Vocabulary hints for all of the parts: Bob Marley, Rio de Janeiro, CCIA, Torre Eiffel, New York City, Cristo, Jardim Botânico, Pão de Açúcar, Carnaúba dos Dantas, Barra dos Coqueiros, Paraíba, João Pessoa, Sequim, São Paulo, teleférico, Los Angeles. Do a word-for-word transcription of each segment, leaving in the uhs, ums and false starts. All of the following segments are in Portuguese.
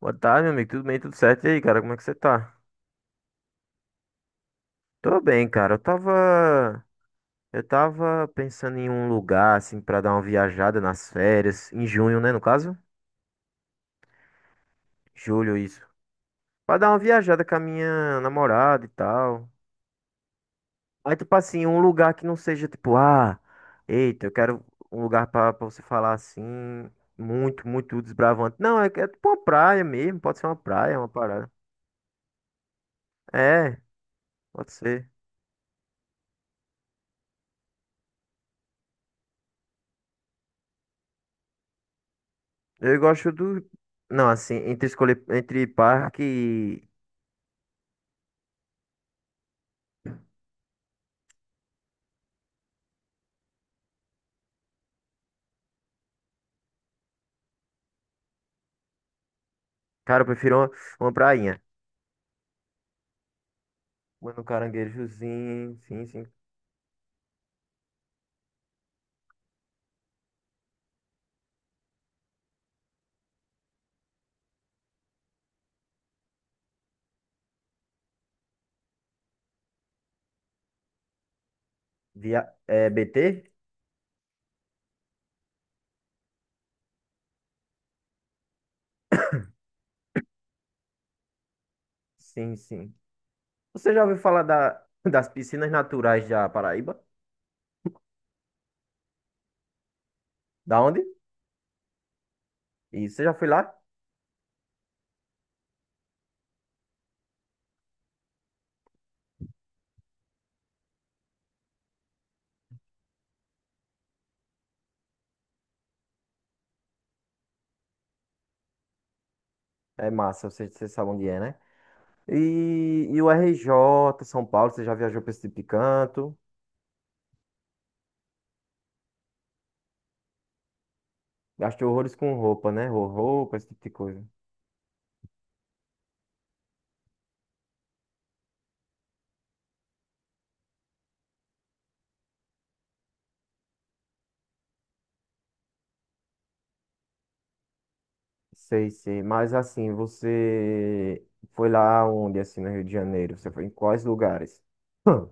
Boa tarde, meu amigo. Tudo bem? Tudo certo? E aí, cara, como é que você tá? Tô bem, cara. Eu tava. Eu tava pensando em um lugar, assim, pra dar uma viajada nas férias. Em junho, né? No caso? Julho, isso. Pra dar uma viajada com a minha namorada e tal. Aí, tipo assim, um lugar que não seja tipo, ah, eita, eu quero um lugar pra, pra você falar assim, muito, muito desbravante. Não, é, é tipo uma praia mesmo. Pode ser uma praia, uma parada. É, pode ser. Eu gosto do. Não, assim, entre escolher entre parque e. Cara, eu prefiro uma, uma prainha. Mano, um caranguejozinho, sim, sim. Via... É, B T? Sim, sim. Você já ouviu falar da, das piscinas naturais da Paraíba? Da onde? E você já foi lá? É massa, você, você sabe onde é, né? E, e o R J, São Paulo, você já viajou pra esse tipo de canto? Gastou horrores com roupa, né? Ro- Roupa, esse tipo de coisa. Sei, sei. Mas assim, você foi lá onde, assim, no Rio de Janeiro? Você foi em quais lugares? Hum.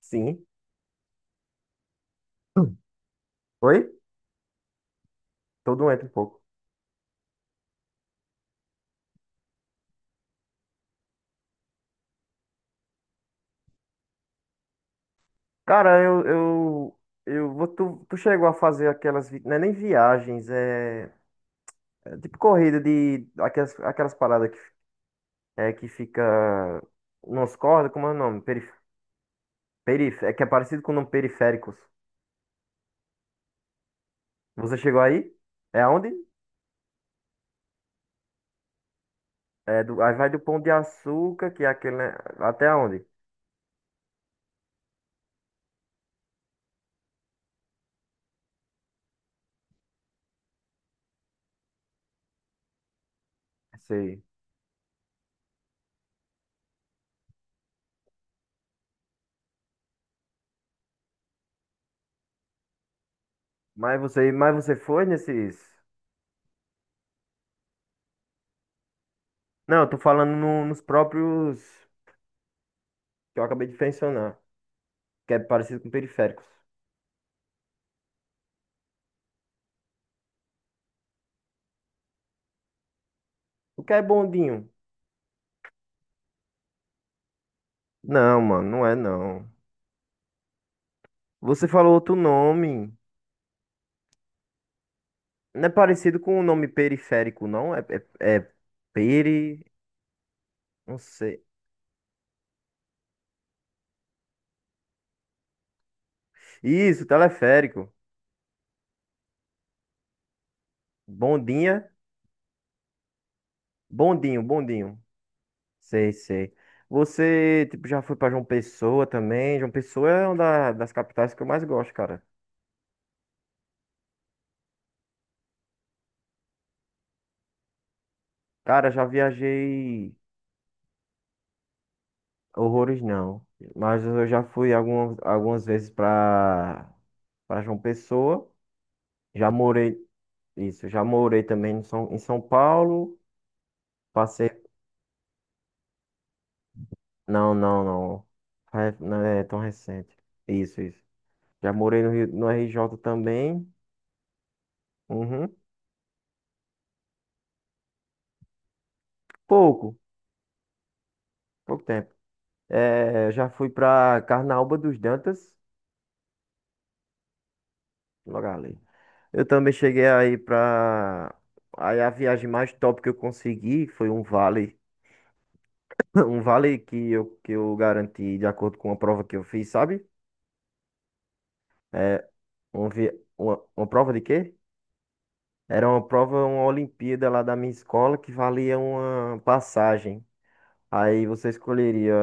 Sim. Hum. Oi? Tô doente um pouco. Cara, eu, eu, eu vou, tu, tu chegou a fazer aquelas, vi- não é nem viagens, é, é tipo corrida de, aquelas, aquelas paradas que, é, que fica nos cordas, como é o nome? Perif, perif, é que é parecido com o nome periféricos. Você chegou aí? É aonde? É do, aí vai do Pão de Açúcar, que é aquele, né? Até aonde? Sei. Mas você, mas você foi nesses. Não, eu tô falando no- nos próprios que eu acabei de mencionar, que é parecido com periféricos. O que é bondinho? Não, mano, não é não. Você falou outro nome. Não é parecido com o nome periférico, não? É, é, é peri. Não sei. Isso, teleférico. Bondinha. Bondinho, bondinho. Sei, sei. Você, tipo, já foi pra João Pessoa também? João Pessoa é uma da- das capitais que eu mais gosto, cara. Cara, já viajei horrores não, mas eu já fui algumas, algumas vezes para para João Pessoa. Já morei, isso, já morei também em São, em São Paulo. Passei, não, não, não. Fa- Não é tão recente. Isso, isso. Já morei no Rio, no R J também. Uhum. Pouco, pouco tempo. É, já fui para Carnaúba dos Dantas, logo ali. Eu também cheguei aí pra. Aí a viagem mais top que eu consegui foi um vale. Um vale que eu, que eu garanti de acordo com uma prova que eu fiz, sabe? É, um vi... uma, uma prova de quê? Era uma prova, uma Olimpíada lá da minha escola que valia uma passagem. Aí você escolheria.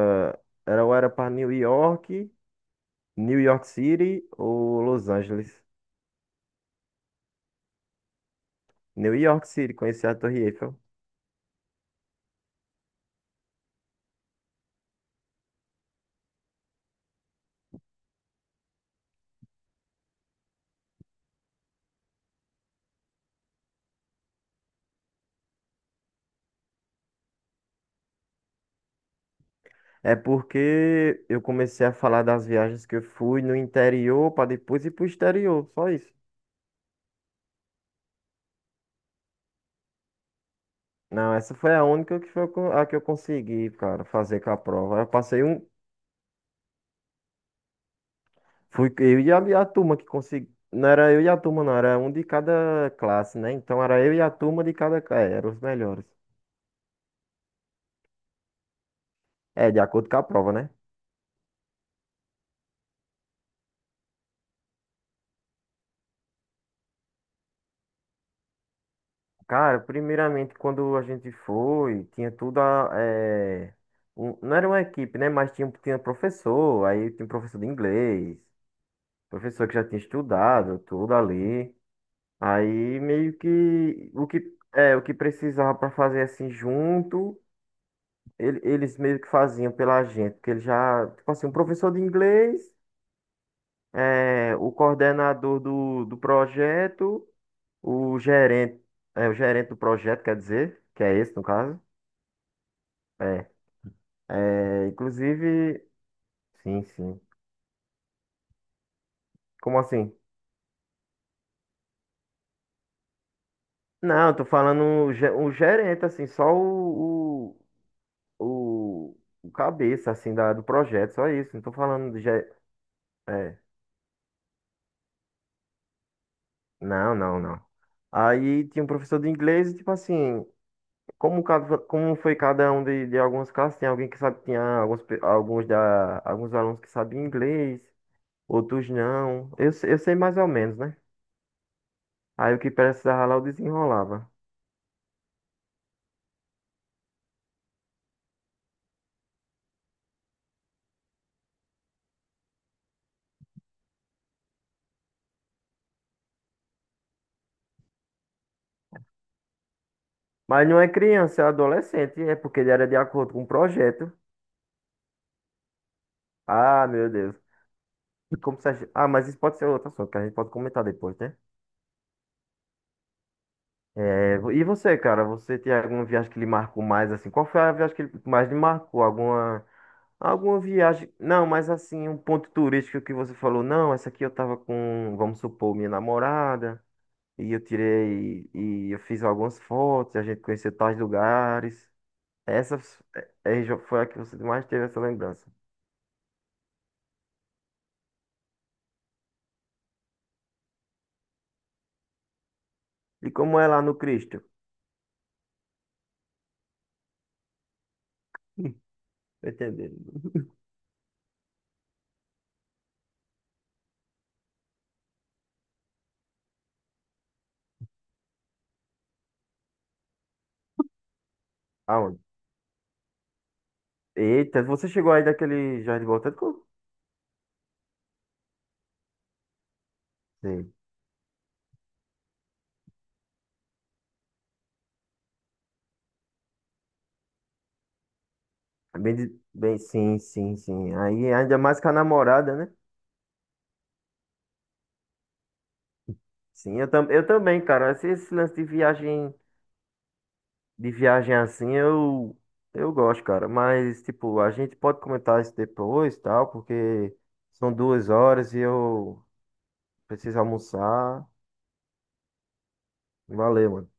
Era ou era para New York, New York City ou Los Angeles? New York City, conheci a Torre Eiffel. É porque eu comecei a falar das viagens que eu fui no interior para depois ir pro exterior, só isso. Não, essa foi a única que foi co- a que eu consegui, cara, fazer com a prova. Eu passei um, fui eu e a, e a turma que consegui. Não era eu e a turma, não, era um de cada classe, né? Então era eu e a turma de cada classe, eram os melhores. É, de acordo com a prova, né? Cara, primeiramente, quando a gente foi, tinha tudo a, eh, um- não era uma equipe, né? Mas tinha, tinha professor, aí tinha professor de inglês. Professor que já tinha estudado tudo ali. Aí meio que o que é o que precisava para fazer assim junto, ele- eles meio que faziam pela gente, porque ele já, tipo assim, um professor de inglês, é, o coordenador do, do projeto, o gerente, é, o gerente do projeto, quer dizer, que é esse no caso. É, é, inclusive, sim, sim. Como assim? Não, eu tô falando o ge- o gerente, assim, só o, o, o cabeça, assim, da, do projeto, só isso. Não tô falando de... ge- É, não, não, não. Aí tinha um professor de inglês e, tipo assim, como, cada, como foi cada um de, de algumas classes, tinha alguém que sabe, tinha alguns, pe- alguns, da, alguns alunos que sabiam inglês, outros não. Eu, se- eu sei mais ou menos, né? Aí o que precisava lá eu desenrolava. Mas não é criança, é adolescente, é porque ele era de acordo com o projeto. Ah, meu Deus. Como se a, gen- ah, mas isso pode ser outro assunto, que a gente pode comentar depois, né? É, e você, cara, você tem alguma viagem que lhe marcou mais assim? Qual foi a viagem que lhe mais lhe marcou? Alguma, alguma viagem? Não, mas assim, um ponto turístico que você falou, não, essa aqui eu tava com, vamos supor, minha namorada, e eu tirei, e eu fiz algumas fotos, e a gente conheceu tais lugares. Essa f- é, é, já foi a que você mais teve essa lembrança. E como é lá no Cristo? Tô entendendo. Aonde? Eita, você chegou aí daquele Jardim Botânico? É bem, de- bem, sim, sim, sim. Aí ainda mais com a namorada, né? Sim, eu, tam, eu também, cara. Esse, esse lance de viagem, de viagem assim, eu, eu gosto, cara. Mas, tipo, a gente pode comentar isso depois, tal, porque são duas horas e eu preciso almoçar. Valeu, mano.